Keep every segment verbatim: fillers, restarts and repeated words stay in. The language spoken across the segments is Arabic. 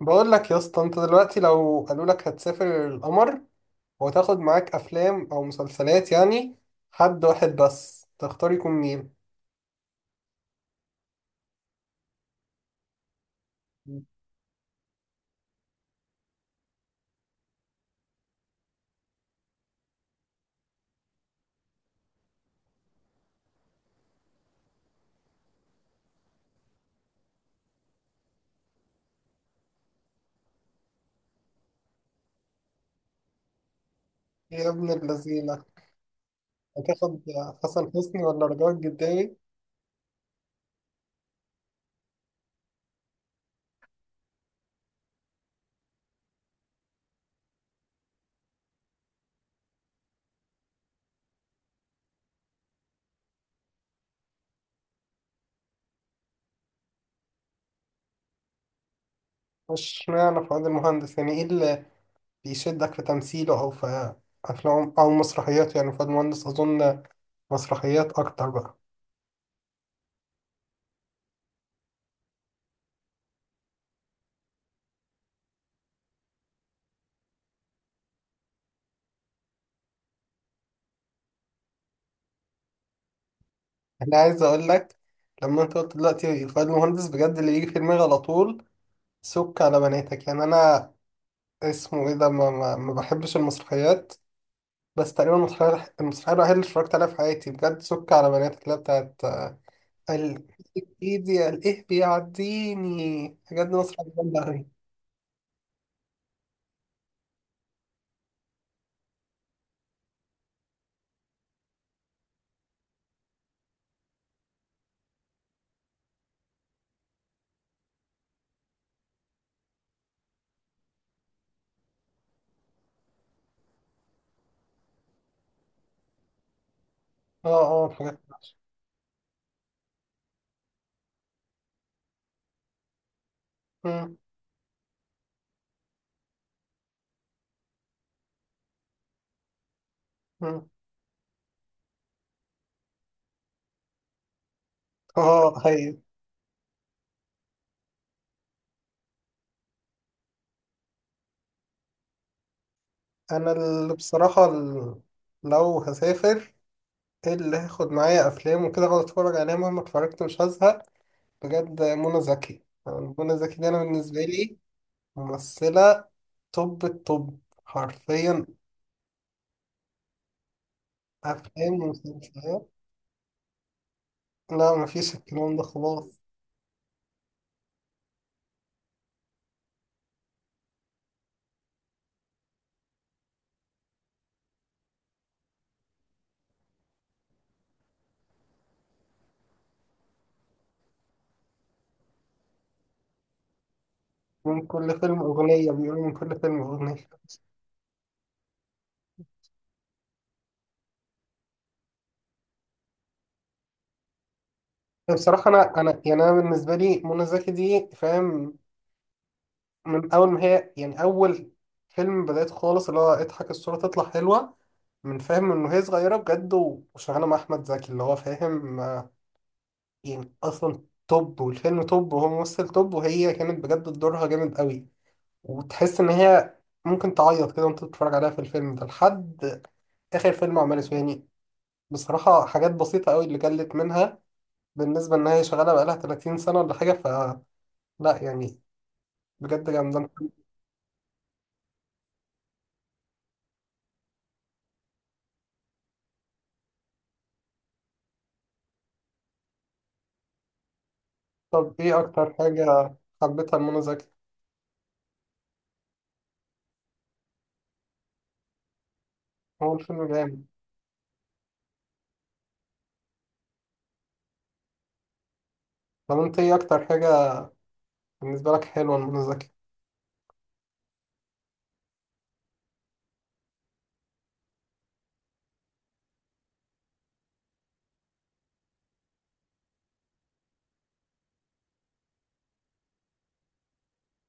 بقول لك يا اسطى، انت دلوقتي لو قالوا لك هتسافر القمر وتاخد معاك افلام او مسلسلات، يعني حد واحد بس تختار، يكون مين؟ يا ابن اللذينة هتاخد حسن حسني ولا رجاء الجداوي؟ مش معنى فؤاد المهندس، يعني ايه اللي بيشدك في تمثيله او في افلام او مسرحياته؟ يعني فؤاد المهندس اظن مسرحيات اكتر بقى. انا عايز اقول لك، لما انت قلت دلوقتي فؤاد المهندس بجد اللي يجي في دماغي على طول سك على بناتك. يعني انا اسمه ايه ده ما, ما, ما بحبش المسرحيات، بس تقريبا المسرحية المسرحية الوحيدة اللي اتفرجت عليها في حياتي بجد سك على بنات، اللي هي بتاعت ال- ايدي الايه بيعديني، بجد مسرحية جامدة أوي. اه. اه بجد. مم، مم. اه هي. انا اللي بصراحة ال- لو هسافر، إيه اللي هاخد معايا افلام وكده اقعد اتفرج عليها مهما اتفرجت مش هزهق؟ بجد منى زكي، يعني منى زكي دي انا بالنسبة لي ممثلة توب التوب حرفيا. أفلام ومسلسلات، لا مفيش الكلام ده خلاص. من كل فيلم أغنية، بيقولوا من كل فيلم أغنية. بصراحة أنا أنا يعني أنا بالنسبة لي منى زكي دي فاهم؟ من أول ما هي يعني أول فيلم بدأت خالص اللي هو اضحك الصورة تطلع حلوة، من فاهم إنه هي صغيرة بجد و- وشغالة مع أحمد زكي اللي هو فاهم آه، يعني أصلا توب، والفيلم توب، وهو ممثل توب، وهي كانت بجد دورها جامد قوي. وتحس إن هي ممكن تعيط كده وأنت بتتفرج عليها في الفيلم ده لحد آخر فيلم عمله يعني. بصراحة حاجات بسيطة قوي اللي قلت منها، بالنسبة إن هي شغالة بقالها تلاتين سنة ولا حاجة، فلا، يعني بجد جامدة. طب إيه أكتر حاجة حبيتها لمنى زكي؟ هو الفيلم جامد. طب أنت إيه أكتر حاجة بالنسبة لك حلوة لمنى زكي؟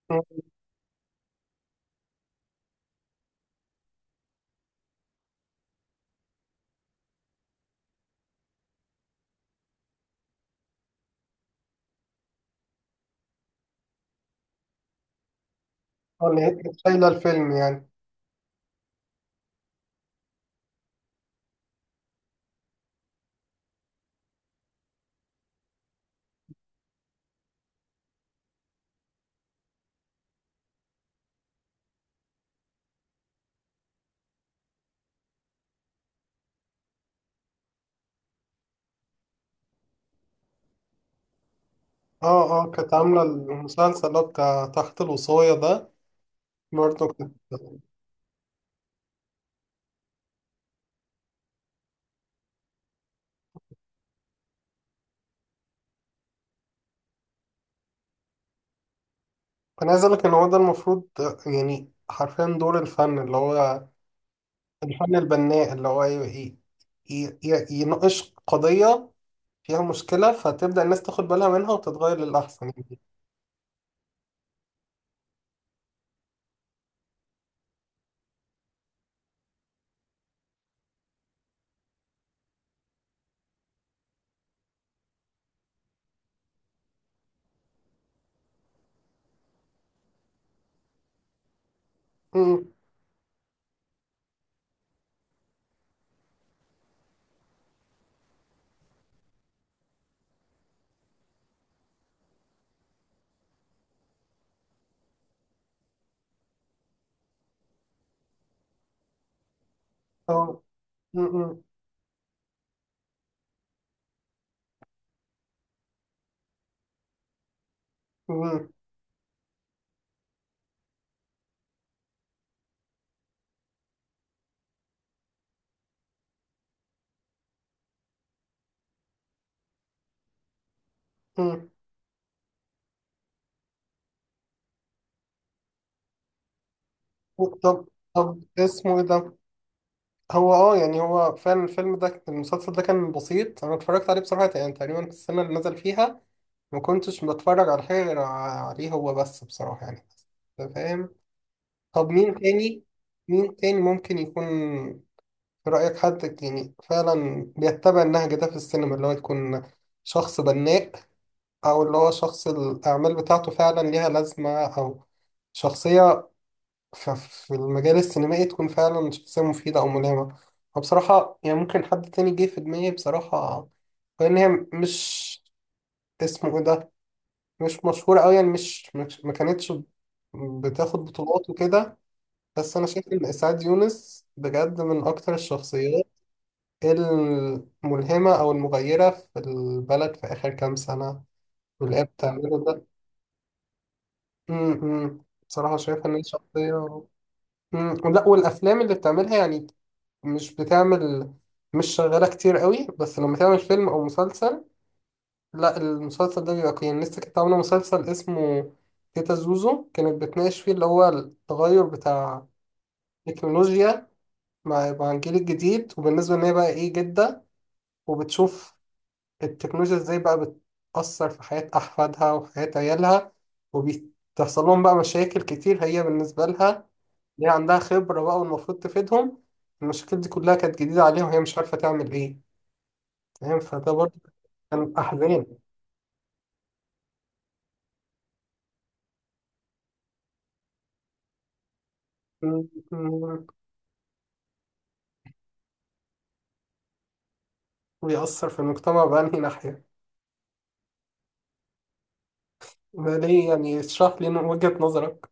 مم. آه، اللي هي كانت شايلة الفيلم يعني. آه آه كانت عاملة المسلسل اللي هو بتاع تحت الوصاية ده. برضه كنت. أنا عايز أقولك إن هو ده المفروض، يعني حرفيا دور الفن، اللي هو الفن البناء، اللي هو ي- ي- ي- يناقش قضية فيها مشكلة فتبدأ الناس تاخد بالها منها وتتغير للأحسن يعني. أمم، آه، أمم، أمم، أمم. طب طب اسمه إيه ده؟ هو اه يعني هو فعلا الفيلم ده المسلسل ده كان بسيط، أنا اتفرجت عليه بصراحة يعني تقريبا في السنة اللي نزل فيها ما كنتش بتفرج على حاجة غير عليه هو بس، بصراحة يعني. أنت فاهم؟ طب مين تاني؟ مين تاني ممكن يكون في رأيك حد يعني فعلا بيتبع النهج ده في السينما، اللي هو يكون شخص بناء، أو اللي هو شخص الأعمال بتاعته فعلا ليها لازمة، أو شخصية ف- في المجال السينمائي تكون فعلا شخصية مفيدة أو ملهمة؟ وبصراحة يعني ممكن حد تاني جه في دماغي بصراحة، لأن هي مش اسمه إيه ده، مش مشهورة أوي يعني مش مش- ما كانتش بتاخد بطولات وكده. بس أنا شايف إن إسعاد يونس بجد من أكتر الشخصيات، إيه، الملهمة أو المغيرة في البلد في آخر كام سنة واللي هي بتعمله ده. امم بصراحة شايفة إن هي شخصية. امم لا، والأفلام اللي بتعملها يعني مش بتعمل، مش شغالة كتير قوي، بس لما تعمل فيلم أو مسلسل لا، المسلسل ده بيبقى قيم. لسه كانت عاملة مسلسل اسمه تيتا زوزو، كانت بتناقش فيه اللي هو التغير بتاع التكنولوجيا مع مع الجيل الجديد، وبالنسبة إن هي بقى إيه جدة، وبتشوف التكنولوجيا ازاي بقى بتأثر في حياة أحفادها وحياة عيالها، وبتحصل لهم بقى مشاكل كتير هي بالنسبة لها ليه عندها خبرة بقى والمفروض تفيدهم، المشاكل دي كلها كانت جديدة عليها وهي مش عارفة تعمل إيه. فاهم؟ فده برضه كان أحزان. م- م- بيأثر في المجتمع بأنهي ناحية؟ ده ليه؟ يعني اشرح لي وجهة نظرك.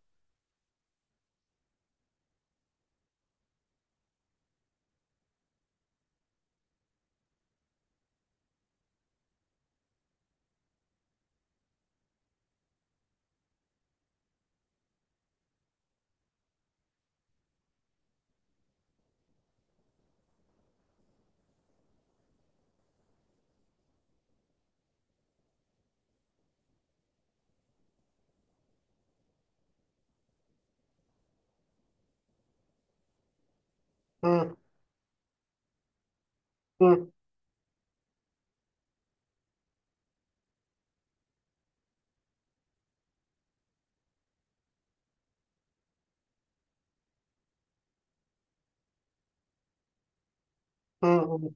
م- م- م-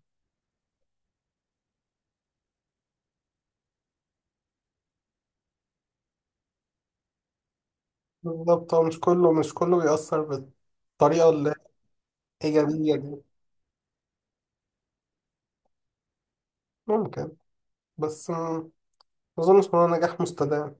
بالظبط، هو مش كله، مش كله بيأثر بالطريقة الإيجابية دي. ممكن، بس ما أظنش إن هو نجاح مستدام.